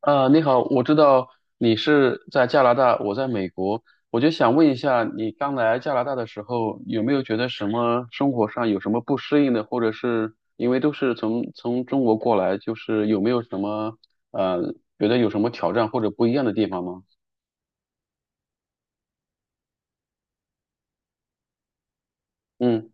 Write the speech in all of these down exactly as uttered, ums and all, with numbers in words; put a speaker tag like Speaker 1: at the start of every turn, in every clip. Speaker 1: 呃，你好，我知道你是在加拿大，我在美国，我就想问一下，你刚来加拿大的时候，有没有觉得什么生活上有什么不适应的，或者是因为都是从从中国过来，就是有没有什么呃，觉得有什么挑战或者不一样的地方吗？嗯。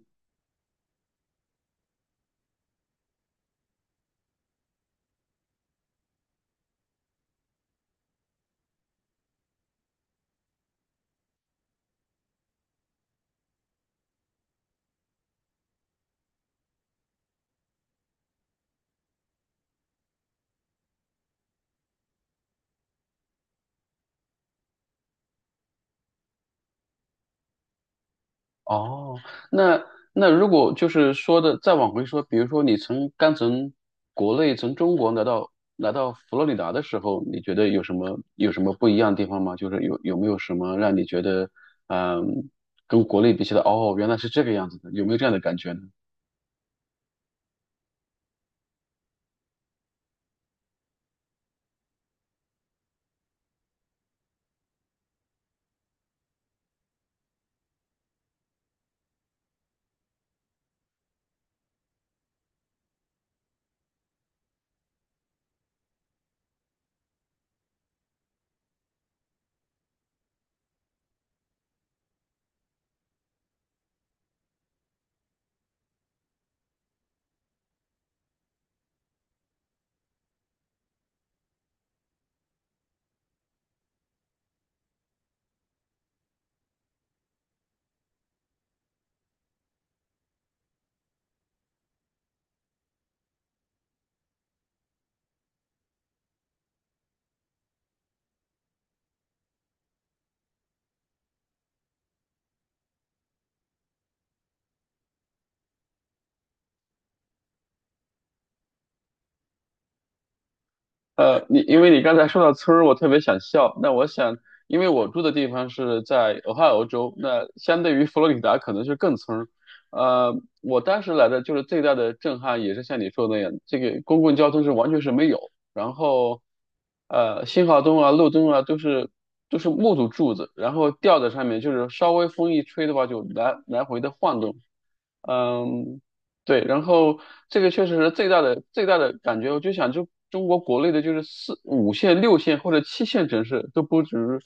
Speaker 1: 哦，那那如果就是说的再往回说，比如说你从刚从国内从中国来到来到佛罗里达的时候，你觉得有什么有什么不一样的地方吗？就是有有没有什么让你觉得嗯、跟国内比起来，哦，原来是这个样子的，有没有这样的感觉呢？呃，你因为你刚才说到村儿，我特别想笑。那我想，因为我住的地方是在俄亥俄州，那相对于佛罗里达可能是更村儿。呃，我当时来的就是最大的震撼，也是像你说的那样，这个公共交通是完全是没有，然后呃，信号灯啊、路灯啊都是都是木头柱子，然后吊在上面，就是稍微风一吹的话就来来回的晃动。嗯，对，然后这个确实是最大的最大的感觉，我就想就中国国内的就是四五线、六线或者七线城市都不止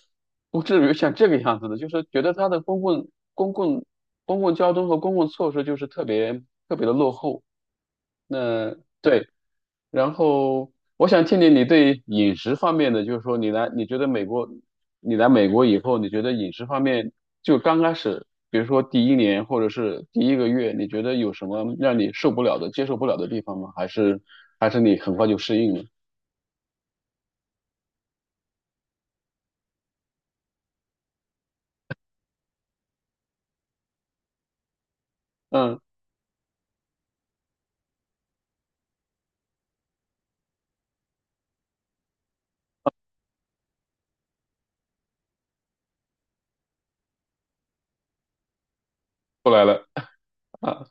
Speaker 1: 不至于像这个样子的，就是觉得它的公共公共公共交通和公共措施就是特别特别的落后。那对。然后我想听听你对饮食方面的，就是说你来，你觉得美国，你来美国以后，你觉得饮食方面就刚开始，比如说第一年或者是第一个月，你觉得有什么让你受不了的、接受不了的地方吗？还是还是你很快就适应了？嗯，过来了啊，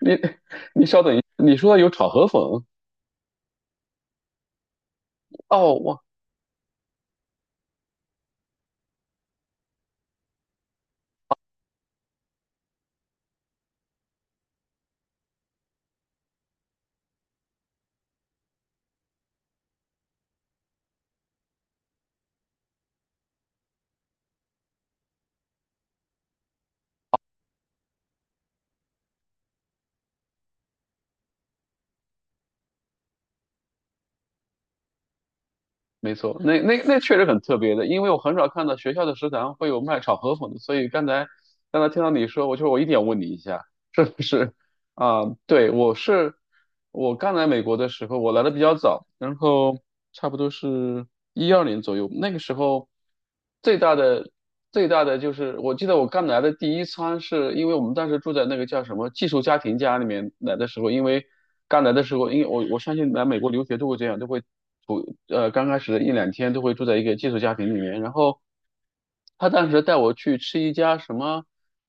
Speaker 1: 你 你稍等一，你说有炒河粉哦，没错，那那那确实很特别的，因为我很少看到学校的食堂会有卖炒河粉的，所以刚才刚才听到你说，我就我一定要问你一下，是不是啊？对，我是我刚来美国的时候，我来的比较早，然后差不多是一二年左右，那个时候最大的最大的就是，我记得我刚来的第一餐是因为我们当时住在那个叫什么寄宿家庭家里面来的时候，因为刚来的时候，因为我我相信来美国留学都会这样，就会不呃刚开始的一两天都会住在一个寄宿家庭里面，然后他当时带我去吃一家什么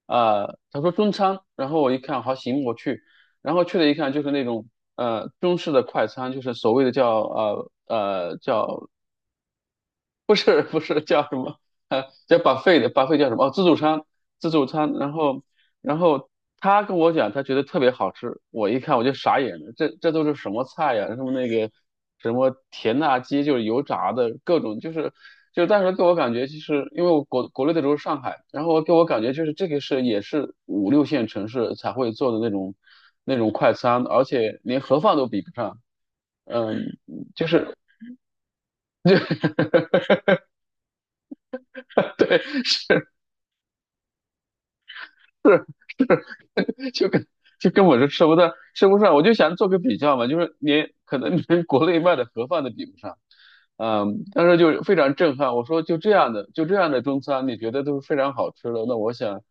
Speaker 1: 啊、呃他说中餐，然后我一看好行我去，然后去了一看就是那种呃中式的快餐，就是所谓的叫呃呃叫不是不是叫什么？呃，叫 b u 的 b u 叫什么？哦，自助餐，自助餐。然后，然后他跟我讲，他觉得特别好吃。我一看我就傻眼了，这这都是什么菜呀？什么那个什么甜辣鸡，就是油炸的各种，就是就是当时给我感觉，就是因为我国国内的时候是上海，然后给我感觉就是这个是也是五六线城市才会做的那种那种快餐，而且连盒饭都比不上。嗯，就是 就是对 就跟就跟我是吃不到吃不上，我就想做个比较嘛，就是连可能连国内卖的盒饭都比不上，嗯，当时就非常震撼。我说就这样的就这样的中餐，你觉得都是非常好吃的，那我想。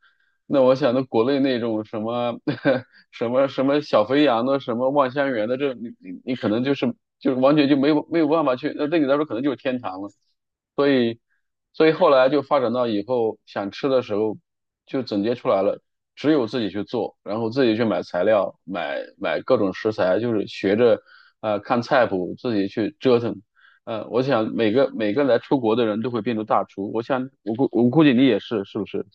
Speaker 1: 那我想，那国内那种什么 什么什么小肥羊的，什么望香园的，这你你你可能就是就是完全就没有没有办法去，那对你来说可能就是天堂了。所以后来就发展到以后想吃的时候，就总结出来了，只有自己去做，然后自己去买材料，买买各种食材，就是学着呃看菜谱自己去折腾。呃，我想每个每个来出国的人都会变成大厨，我想我估我估计你也是，是不是？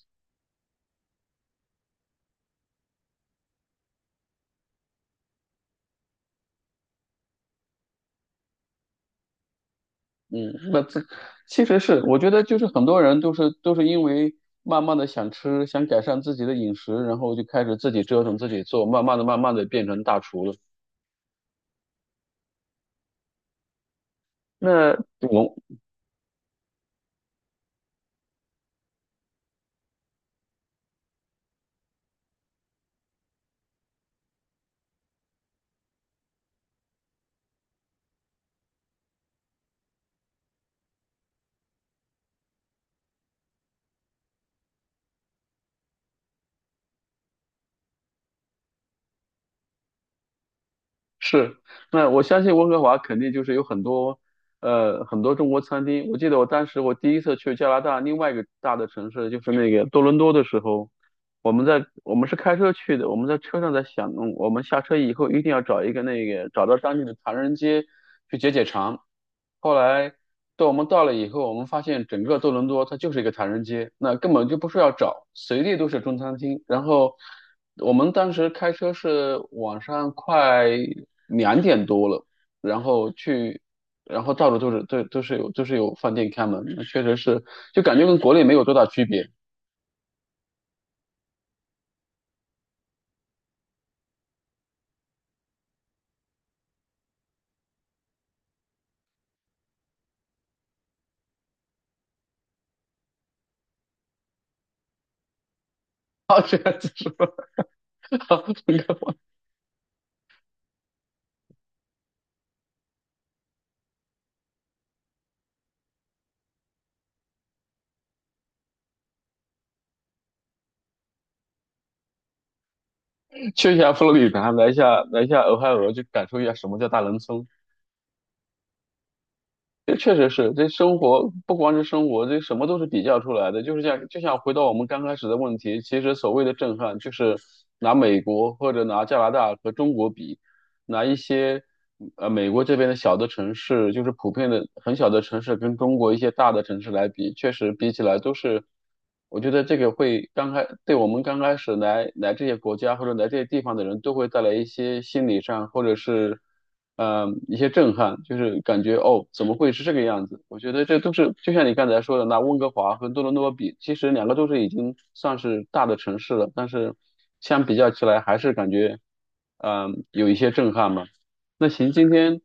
Speaker 1: 嗯，那这其实是我觉得就是很多人都是都是因为慢慢的想吃，想改善自己的饮食，然后就开始自己折腾自己做，慢慢的慢慢的变成大厨了。那我是，那我相信温哥华肯定就是有很多，呃，很多中国餐厅。我记得我当时我第一次去加拿大另外一个大的城市，就是那个多伦多的时候，我们在我们是开车去的，我们在车上在想，嗯我们下车以后一定要找一个那个找到当地的唐人街去解解馋。后来到我们到了以后，我们发现整个多伦多它就是一个唐人街，那根本就不需要找，随地都是中餐厅。然后我们当时开车是晚上快两点多了，然后去，然后到处都是都都是有都是有饭店开门，确实是就感觉跟国内没有多大区别。啊，这样子说。应该吧去一下佛罗里达，来一下来一下俄亥俄，去感受一下什么叫大农村。这确实是，这生活不光是生活，这什么都是比较出来的。就是像就像回到我们刚开始的问题，其实所谓的震撼，就是拿美国或者拿加拿大和中国比，拿一些呃美国这边的小的城市，就是普遍的很小的城市，跟中国一些大的城市来比，确实比起来都是，我觉得这个会刚开，对我们刚开始来来这些国家或者来这些地方的人都会带来一些心理上或者是呃一些震撼，就是感觉哦怎么会是这个样子？我觉得这都是就像你刚才说的，拿温哥华和多伦多比，其实两个都是已经算是大的城市了，但是相比较起来还是感觉。嗯，有一些震撼嘛。那行，今天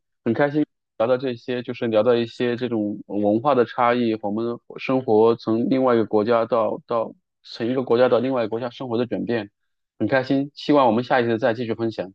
Speaker 1: 聊到这些，就是聊到一些这种文化的差异，我们生活从另外一个国家到到从一个国家到另外一个国家生活的转变，很开心。希望我们下一次再继续分享。